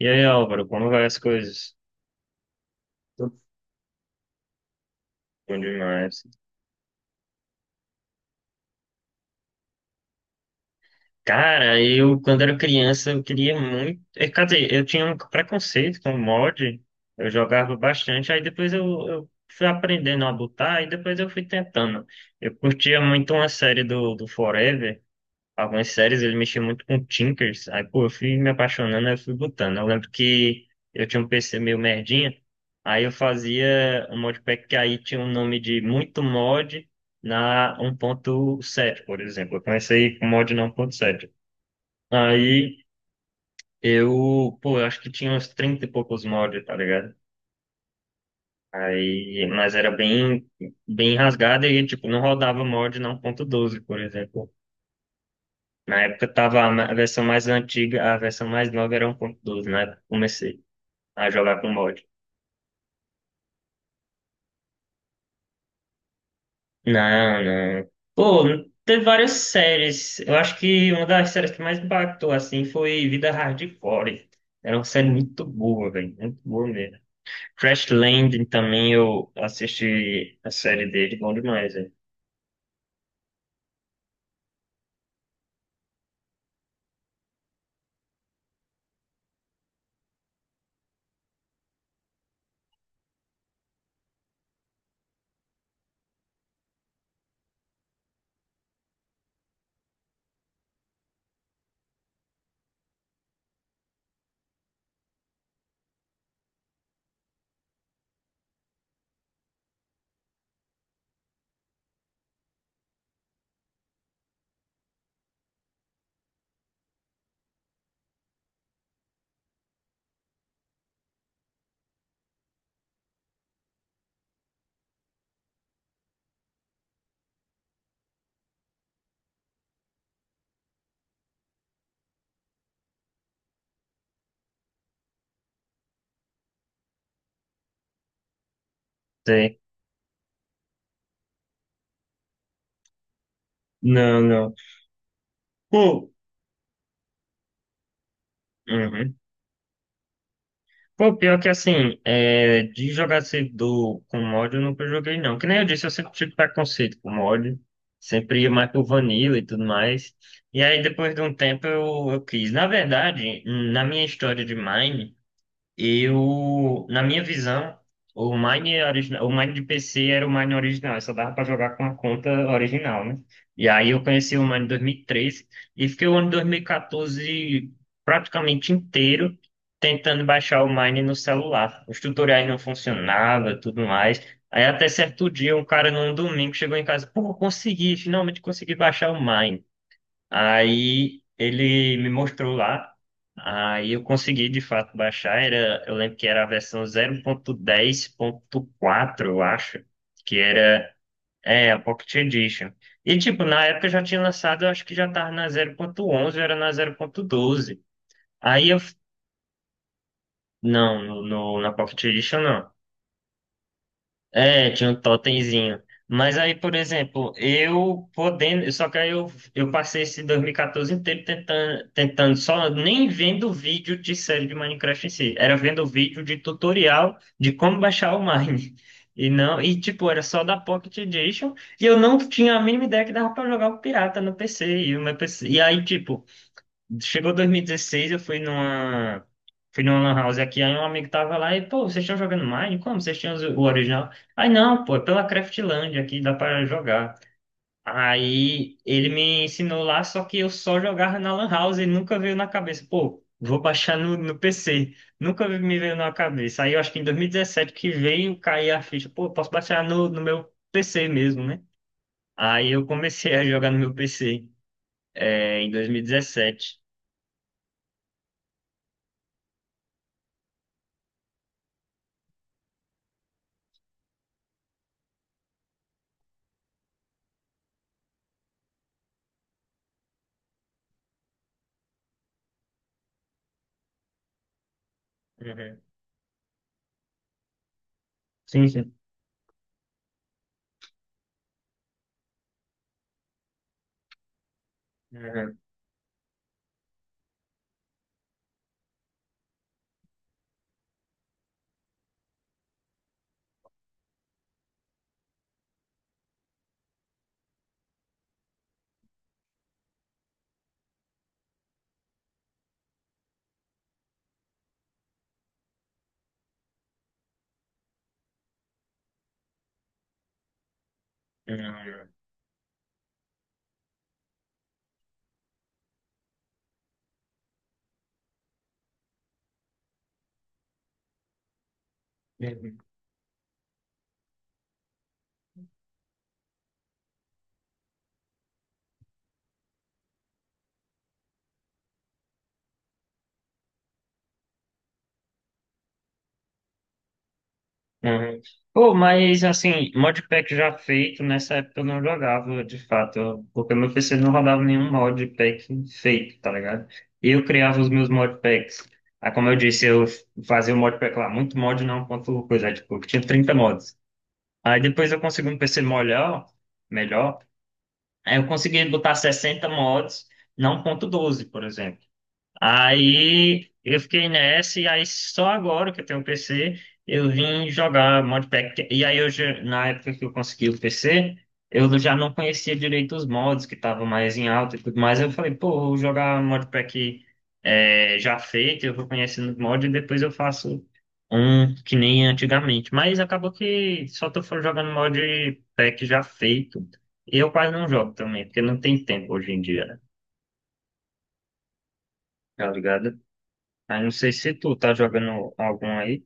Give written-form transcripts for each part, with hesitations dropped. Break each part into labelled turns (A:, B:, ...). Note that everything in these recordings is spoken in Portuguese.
A: E aí, Álvaro, como vai as coisas? Tudo. Bom demais. Cara, eu, quando era criança, eu queria muito. Quer dizer, eu tinha um preconceito com mod, eu jogava bastante, aí depois eu fui aprendendo a botar, e depois eu fui tentando. Eu curtia muito uma série do Forever, algumas séries ele mexia muito com Tinkers. Aí, pô, eu fui me apaixonando, aí eu fui botando. Eu lembro que eu tinha um PC meio merdinha, aí eu fazia um modpack que aí tinha o nome de muito mod na 1.7 por exemplo. Eu comecei com mod na 1.7. Aí eu, pô, eu acho que tinha uns 30 e poucos mods, tá ligado? Aí, mas era bem, bem rasgada e, tipo, não rodava mod na um ponto doze por exemplo. Na época tava a versão mais antiga, a versão mais nova era 1.12, na época que comecei a jogar com mod. Não, não. Pô, teve várias séries. Eu acho que uma das séries que mais impactou, assim, foi Vida Hardcore. Era uma série muito boa, velho. Muito boa mesmo. Crash Landing também eu assisti a série dele, bom demais, velho. Sei. Não, não. Pô. Uhum. Pô, pior que assim, de jogar servidor com mod eu nunca joguei não. Que nem eu disse, eu sempre tive preconceito com mod. Sempre ia mais pro Vanilla e tudo mais. E aí depois de um tempo eu quis. Na verdade, na minha história de Mine, eu, na minha visão, o Mine original, o Mine de PC era o Mine original, só dava para jogar com a conta original, né? E aí eu conheci o Mine em 2013 e treze e fiquei o ano 2014 praticamente inteiro tentando baixar o Mine no celular. Os tutoriais não funcionavam, tudo mais. Aí até certo dia, um cara num domingo chegou em casa, pô, finalmente consegui baixar o Mine. Aí ele me mostrou lá, aí eu consegui de fato baixar, eu lembro que era a versão 0.10.4, eu acho, que era, a Pocket Edition. E tipo, na época já tinha lançado, eu acho que já tava na 0.11, era na 0.12. Aí eu, não, na Pocket Edition não. É, tinha um totemzinho. Mas aí, por exemplo, eu podendo, só que aí eu passei esse 2014 inteiro tentando só nem vendo vídeo de série de Minecraft em si, era vendo vídeo de tutorial de como baixar o Mine. E não, e tipo, era só da Pocket Edition, e eu não tinha a mínima ideia que dava pra jogar o pirata no PC, e o meu PC, e aí tipo, chegou 2016, eu fui numa. Fui numa lan house aqui, aí um amigo tava lá e, pô, vocês estão jogando Mine? Como? Vocês tinham o original? Aí, não, pô, é pela Craftland aqui, dá pra jogar. Aí ele me ensinou lá, só que eu só jogava na lan house e nunca veio na cabeça. Pô, vou baixar no PC. Nunca me veio na cabeça. Aí eu acho que em 2017 que veio cair a ficha. Pô, posso baixar no meu PC mesmo, né? Aí eu comecei a jogar no meu PC, em 2017. Uhum. Sim, sim. Uhum, uhum, uhum, uhum. Pô, mas assim, modpack já feito, nessa época eu não jogava de fato, porque meu PC não rodava nenhum modpack feito, tá ligado? Eu criava os meus modpacks. Aí, como eu disse, eu fazia o modpack lá, muito mod não, quanto coisa, tipo, tinha 30 mods. Aí depois eu consegui um PC melhor, melhor, aí eu consegui botar 60 mods, não ponto 12 por exemplo. Aí eu fiquei nessa, e aí só agora que eu tenho um PC, eu vim jogar modpack. E aí eu, na época que eu consegui o PC, eu já não conhecia direito os mods que estavam mais em alta e tudo mais. Eu falei, pô, vou jogar modpack já feito, eu vou conhecendo os mods e depois eu faço um que nem antigamente. Mas acabou que só tô jogando modpack já feito. E eu quase não jogo também, porque não tem tempo hoje em dia, né? Tá ligado? Ah, não sei se tu tá jogando algum aí.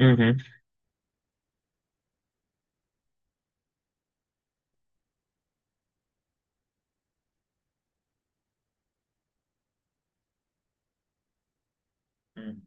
A: Uhum. Uhum.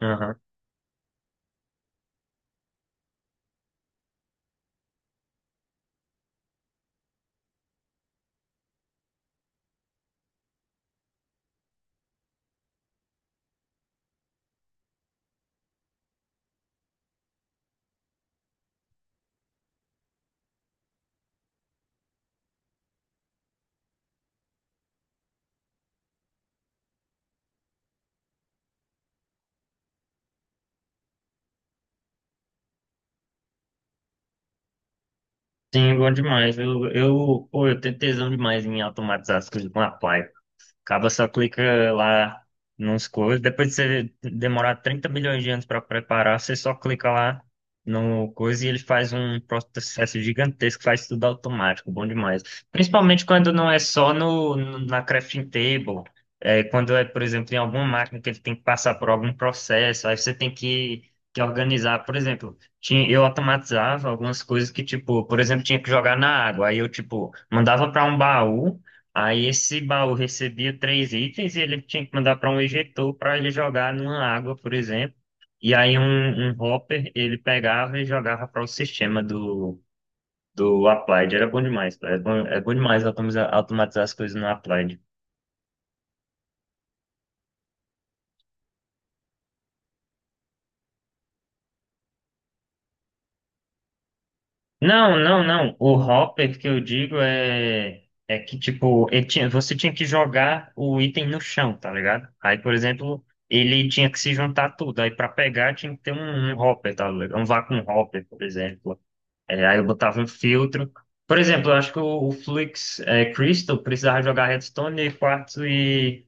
A: Aham. Sim, bom demais. Eu, pô, eu tenho tesão demais em automatizar as coisas com a Apply. Acaba só clica lá nos coisas. Depois de você demorar 30 milhões de anos para preparar, você só clica lá no coisa e ele faz um processo gigantesco, faz tudo automático, bom demais. Principalmente quando não é só na crafting table, quando é, por exemplo, em alguma máquina que ele tem que passar por algum processo, aí você tem que organizar. Por exemplo, tinha, eu automatizava algumas coisas que, tipo, por exemplo, tinha que jogar na água, aí eu, tipo, mandava para um baú. Aí esse baú recebia três itens e ele tinha que mandar para um ejetor para ele jogar numa água, por exemplo. E aí um hopper ele pegava e jogava para o sistema do Applied. Era bom demais, cara. É bom demais automatizar as coisas no Applied. Não, não, não. O hopper que eu digo é que, tipo, ele tinha, você tinha que jogar o item no chão, tá ligado? Aí, por exemplo, ele tinha que se juntar tudo. Aí, para pegar, tinha que ter um hopper, tá ligado? Um vacuum hopper, por exemplo. É, aí eu botava um filtro. Por exemplo, eu acho que o Flux Crystal precisava jogar redstone e quartzo e,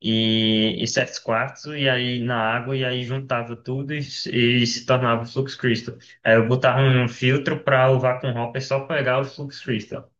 A: e, e sete quartzo e aí na água e aí juntava tudo e se tornava o Flux Crystal. Aí eu botava um filtro para o Vacuum Hopper só pegar o Flux Crystal.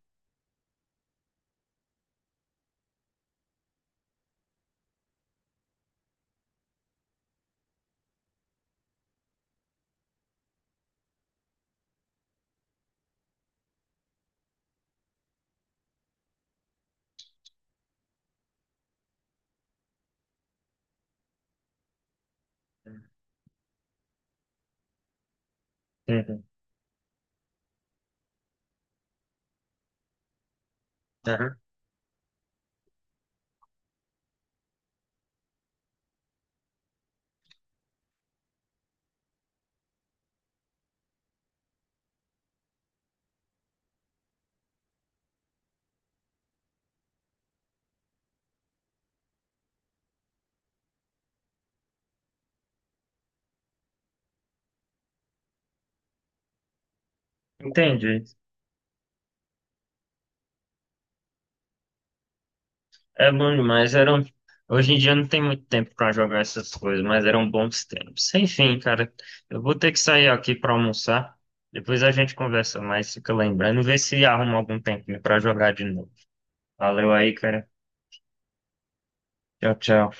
A: Entendi. Aham. Entendi. É bom demais. Hoje em dia não tem muito tempo pra jogar essas coisas, mas eram bons tempos. Enfim, cara, eu vou ter que sair aqui pra almoçar. Depois a gente conversa mais, fica lembrando, vê se arruma algum tempinho pra jogar de novo. Valeu aí, cara. Tchau, tchau.